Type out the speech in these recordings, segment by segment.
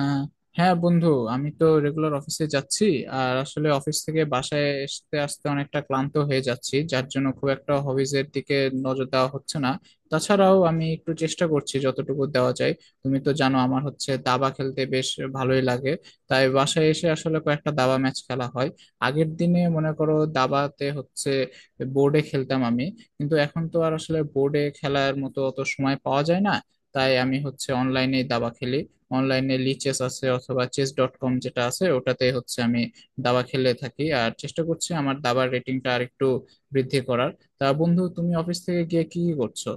আহ, হ্যাঁ বন্ধু, আমি তো রেগুলার অফিসে যাচ্ছি। আর আসলে অফিস থেকে বাসায় আসতে আসতে অনেকটা ক্লান্ত হয়ে যাচ্ছি, যার জন্য খুব একটা হবিজ এর দিকে নজর দেওয়া হচ্ছে না। তাছাড়াও আমি একটু চেষ্টা করছি যতটুকু দেওয়া যায়। তুমি তো জানো আমার হচ্ছে দাবা খেলতে বেশ ভালোই লাগে। তাই বাসায় এসে আসলে কয়েকটা দাবা ম্যাচ খেলা হয়। আগের দিনে মনে করো দাবাতে হচ্ছে বোর্ডে খেলতাম আমি, কিন্তু এখন তো আর আসলে বোর্ডে খেলার মতো অত সময় পাওয়া যায় না। তাই আমি হচ্ছে অনলাইনে দাবা খেলি। অনলাইনে লি চেস আছে অথবা চেস ডট কম যেটা আছে, ওটাতে হচ্ছে আমি দাবা খেলে থাকি, আর চেষ্টা করছি আমার দাবার রেটিংটা আর একটু বৃদ্ধি করার। তা বন্ধু, তুমি অফিস থেকে গিয়ে কি কি করছো?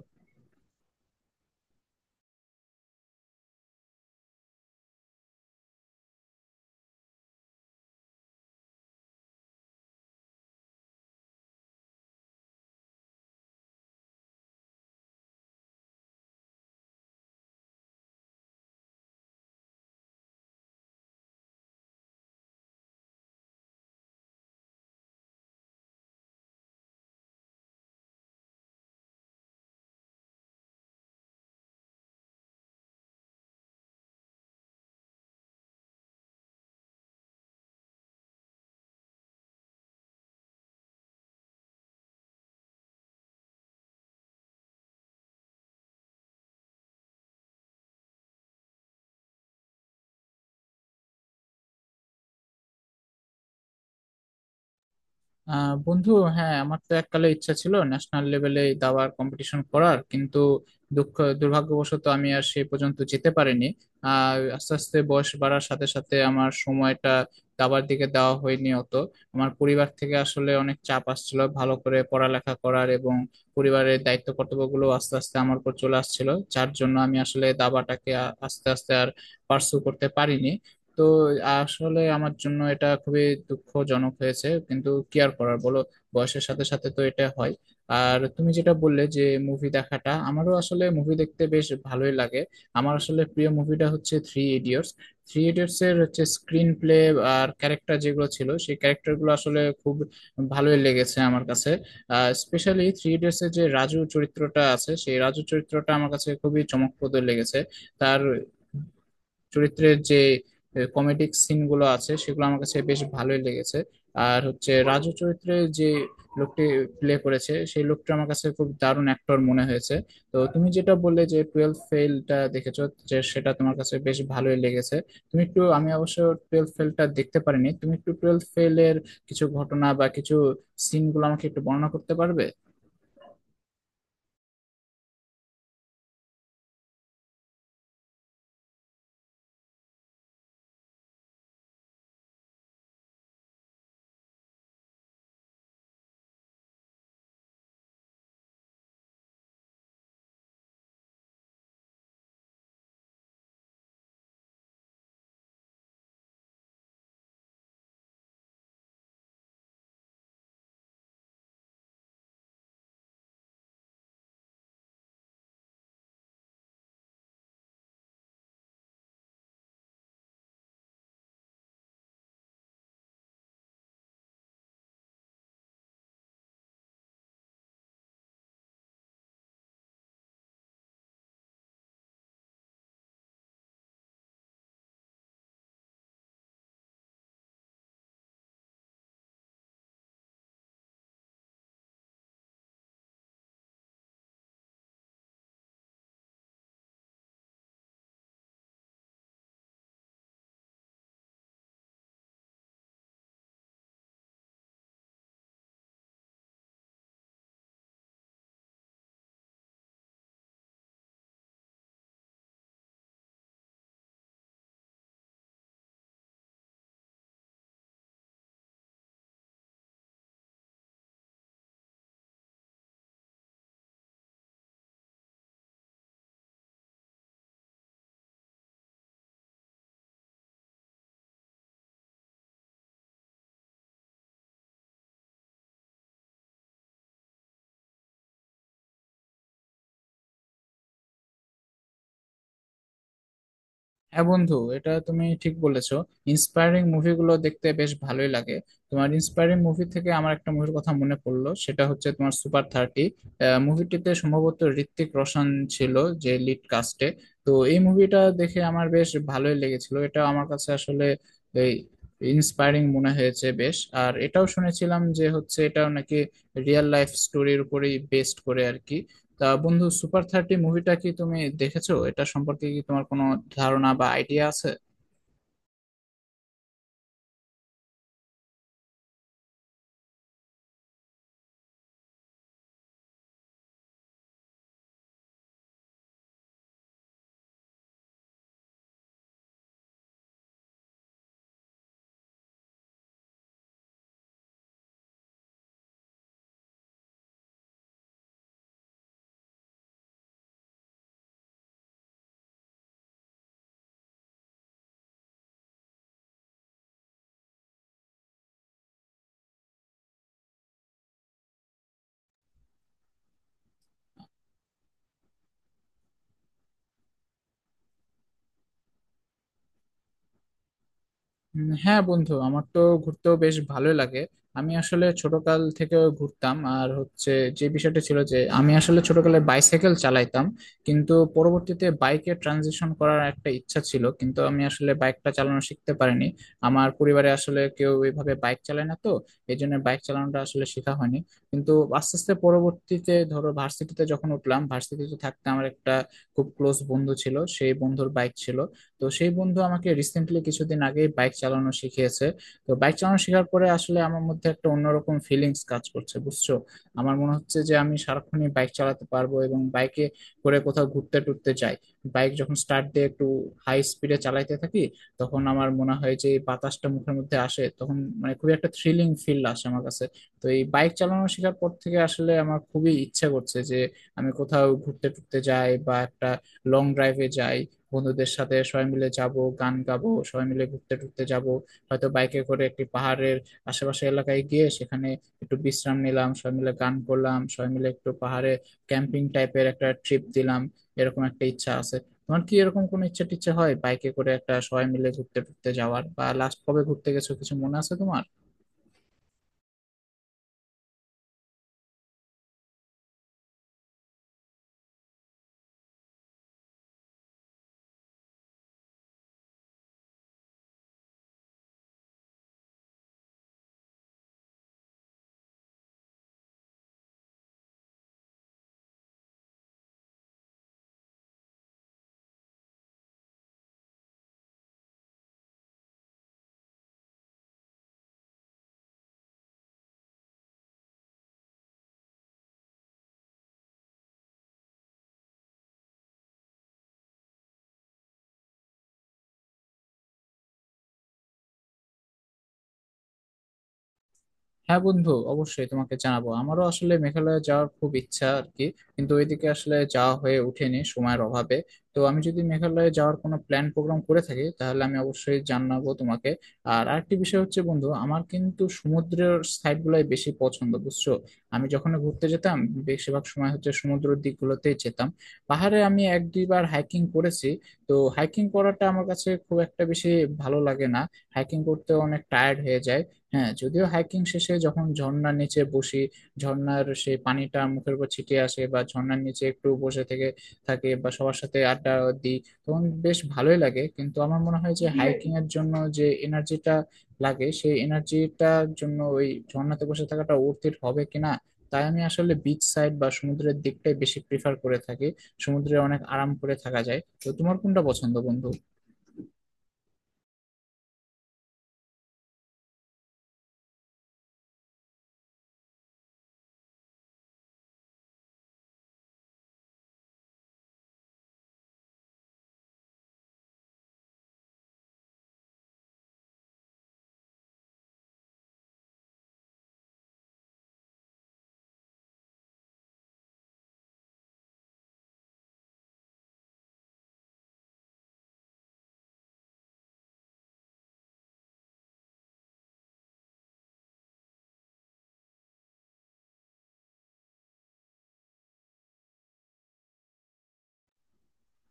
বন্ধু, হ্যাঁ আমার তো এককালে ইচ্ছা ছিল ন্যাশনাল লেভেলে দাবার কম্পিটিশন করার, কিন্তু দুঃখ দুর্ভাগ্যবশত আমি আর সে পর্যন্ত যেতে পারিনি। আর আস্তে আস্তে বয়স বাড়ার সাথে সাথে আমার সময়টা দাবার দিকে দেওয়া হয়নি অত। আমার পরিবার থেকে আসলে অনেক চাপ আসছিল ভালো করে পড়ালেখা করার, এবং পরিবারের দায়িত্ব কর্তব্যগুলো আস্তে আস্তে আমার উপর চলে আসছিল। যার জন্য আমি আসলে দাবাটাকে আস্তে আস্তে আর পার্সু করতে পারিনি। তো আসলে আমার জন্য এটা খুবই দুঃখজনক হয়েছে, কিন্তু কি আর করার বলো, বয়সের সাথে সাথে তো এটা হয়। আর তুমি যেটা বললে যে মুভি দেখাটা, আমারও আসলে মুভি দেখতে বেশ ভালোই লাগে। আমার আসলে প্রিয় মুভিটা হচ্ছে থ্রি ইডিয়টস। থ্রি ইডিয়টস এর হচ্ছে স্ক্রিন প্লে আর ক্যারেক্টার যেগুলো ছিল, সেই ক্যারেক্টার গুলো আসলে খুব ভালোই লেগেছে আমার কাছে। স্পেশালি থ্রি ইডিয়টস এর যে রাজু চরিত্রটা আছে, সেই রাজু চরিত্রটা আমার কাছে খুবই চমকপ্রদ লেগেছে। তার চরিত্রের যে কমেডিক সিন গুলো আছে সেগুলো আমার কাছে বেশ ভালোই লেগেছে। আর হচ্ছে রাজু চরিত্রে যে লোকটি প্লে করেছে সেই লোকটা আমার কাছে খুব দারুণ অ্যাক্টর মনে হয়েছে। তো তুমি যেটা বললে যে টুয়েলভ ফেলটা দেখেছো, যে সেটা তোমার কাছে বেশ ভালোই লেগেছে, তুমি একটু, আমি অবশ্য টুয়েলভ ফেলটা দেখতে পারিনি, তুমি একটু টুয়েলভ ফেলের কিছু ঘটনা বা কিছু সিনগুলো আমাকে একটু বর্ণনা করতে পারবে? হ্যাঁ বন্ধু, এটা তুমি ঠিক বলেছো, ইন্সপায়ারিং মুভিগুলো দেখতে বেশ ভালোই লাগে। তোমার ইন্সপায়ারিং মুভি থেকে আমার একটা মুভির কথা মনে পড়লো, সেটা হচ্ছে তোমার সুপার থার্টি। মুভিটিতে সম্ভবত ঋত্বিক রোশন ছিল, যে লিড কাস্টে। তো এই মুভিটা দেখে আমার বেশ ভালোই লেগেছিল, এটা আমার কাছে আসলে এই ইন্সপায়ারিং মনে হয়েছে বেশ। আর এটাও শুনেছিলাম যে হচ্ছে এটাও নাকি রিয়েল লাইফ স্টোরির উপরেই বেস্ড করে আর কি। তা বন্ধু, সুপার থার্টি মুভিটা কি তুমি দেখেছো? এটা সম্পর্কে কি তোমার কোনো ধারণা বা আইডিয়া আছে? হ্যাঁ বন্ধু, আমার তো ঘুরতেও বেশ ভালোই লাগে। আমি আসলে ছোটকাল থেকে ঘুরতাম, আর হচ্ছে যে বিষয়টা ছিল যে আমি আসলে ছোটকালে বাইসাইকেল চালাইতাম, কিন্তু পরবর্তীতে বাইকে ট্রানজিশন করার একটা ইচ্ছা ছিল, কিন্তু আমি আসলে বাইকটা চালানো শিখতে পারিনি। আমার পরিবারে আসলে কেউ এইভাবে বাইক চালায় না, তো এই জন্য বাইক চালানোটা আসলে শেখা হয়নি। কিন্তু আস্তে আস্তে পরবর্তীতে ধরো ভার্সিটিতে যখন উঠলাম, ভার্সিটিতে থাকতে আমার একটা খুব ক্লোজ বন্ধু ছিল, সেই বন্ধুর বাইক ছিল। তো সেই বন্ধু আমাকে রিসেন্টলি কিছুদিন আগে বাইক চালানো শিখিয়েছে। তো বাইক চালানো শেখার পরে আসলে আমার মধ্যে একটা অন্যরকম ফিলিংস কাজ করছে বুঝছো। আমার মনে হচ্ছে যে আমি সারাক্ষণই বাইক চালাতে পারবো এবং বাইকে করে কোথাও ঘুরতে টুরতে যাই। বাইক যখন স্টার্ট দিয়ে একটু হাই স্পিডে চালাইতে থাকি, তখন আমার মনে হয় যে এই বাতাসটা মুখের মধ্যে আসে তখন মানে খুবই একটা থ্রিলিং ফিল আসে আমার কাছে। তো এই বাইক চালানো শেখার পর থেকে আসলে আমার খুবই ইচ্ছা করছে যে আমি কোথাও ঘুরতে টুরতে যাই বা একটা লং ড্রাইভে যাই, বন্ধুদের সাথে সবাই মিলে যাব, গান গাবো, সবাই মিলে ঘুরতে টুরতে যাব। হয়তো বাইকে করে একটি পাহাড়ের আশেপাশে এলাকায় গিয়ে সেখানে একটু বিশ্রাম নিলাম, সবাই মিলে গান করলাম, সবাই মিলে একটু পাহাড়ে ক্যাম্পিং টাইপের একটা ট্রিপ দিলাম। এরকম একটা ইচ্ছা আছে। তোমার কি এরকম কোনো ইচ্ছা টিচ্ছা হয় বাইকে করে একটা সবাই মিলে ঘুরতে টুরতে যাওয়ার, বা লাস্ট কবে ঘুরতে গেছো কিছু মনে আছে তোমার? হ্যাঁ বন্ধু, অবশ্যই তোমাকে জানাবো, আমারও আসলে মেঘালয় যাওয়ার খুব ইচ্ছা আর কি, কিন্তু ওইদিকে আসলে যাওয়া হয়ে ওঠেনি সময়ের অভাবে। তো আমি যদি মেঘালয়ে যাওয়ার কোনো প্ল্যান প্রোগ্রাম করে থাকি, তাহলে আমি অবশ্যই জানাবো তোমাকে। আর আরেকটি বিষয় হচ্ছে বন্ধু, আমার কিন্তু সমুদ্রের সাইড গুলাই বেশি পছন্দ বুঝছো। আমি যখন ঘুরতে যেতাম, বেশিরভাগ সময় হচ্ছে সমুদ্রের দিকগুলোতেই যেতাম। পাহাড়ে আমি এক দুইবার হাইকিং করেছি। তো হাইকিং করাটা আমার কাছে খুব একটা বেশি ভালো লাগে না, হাইকিং করতে অনেক টায়ার্ড হয়ে যায়। হ্যাঁ, যদিও হাইকিং শেষে যখন ঝর্ণার নিচে বসি, ঝর্ণার সেই পানিটা মুখের উপর ছিটিয়ে আসে বা ঝর্ণার নিচে একটু বসে থেকে থাকে বা সবার সাথে আড্ডা দিই, তখন বেশ ভালোই লাগে। কিন্তু আমার মনে হয় যে হাইকিং এর জন্য যে এনার্জিটা লাগে, সেই এনার্জিটার জন্য ওই ঝর্ণাতে বসে থাকাটা অর্থের হবে কিনা। তাই আমি আসলে বিচ সাইড বা সমুদ্রের দিকটাই বেশি প্রিফার করে থাকি, সমুদ্রে অনেক আরাম করে থাকা যায়। তো তোমার কোনটা পছন্দ বন্ধু?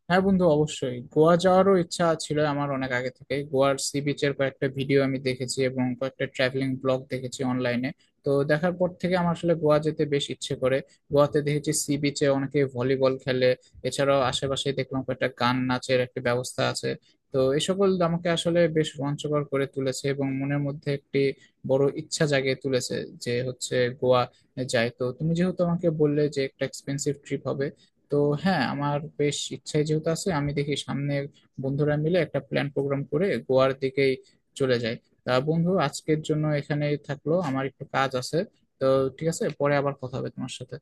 হ্যাঁ বন্ধু, অবশ্যই গোয়া যাওয়ারও ইচ্ছা ছিল আমার অনেক আগে থেকে। গোয়ার সি বিচের কয়েকটা ভিডিও আমি দেখেছি এবং কয়েকটা ট্রাভেলিং ব্লগ দেখেছি অনলাইনে। তো দেখার পর থেকে আমার আসলে গোয়া যেতে বেশ ইচ্ছে করে। গোয়াতে দেখেছি সি বিচে অনেকে ভলিবল খেলে, এছাড়াও আশেপাশে দেখলাম কয়েকটা গান নাচের একটা ব্যবস্থা আছে। তো এই সকল আমাকে আসলে বেশ রোমাঞ্চকর করে তুলেছে এবং মনের মধ্যে একটি বড় ইচ্ছা জাগিয়ে তুলেছে যে হচ্ছে গোয়া যায়। তো তুমি যেহেতু আমাকে বললে যে একটা এক্সপেন্সিভ ট্রিপ হবে, তো হ্যাঁ আমার বেশ ইচ্ছাই যেহেতু আছে, আমি দেখি সামনে বন্ধুরা মিলে একটা প্ল্যান প্রোগ্রাম করে গোয়ার দিকেই চলে যাই। তা বন্ধু, আজকের জন্য এখানেই থাকলো, আমার একটু কাজ আছে। তো ঠিক আছে, পরে আবার কথা হবে তোমার সাথে।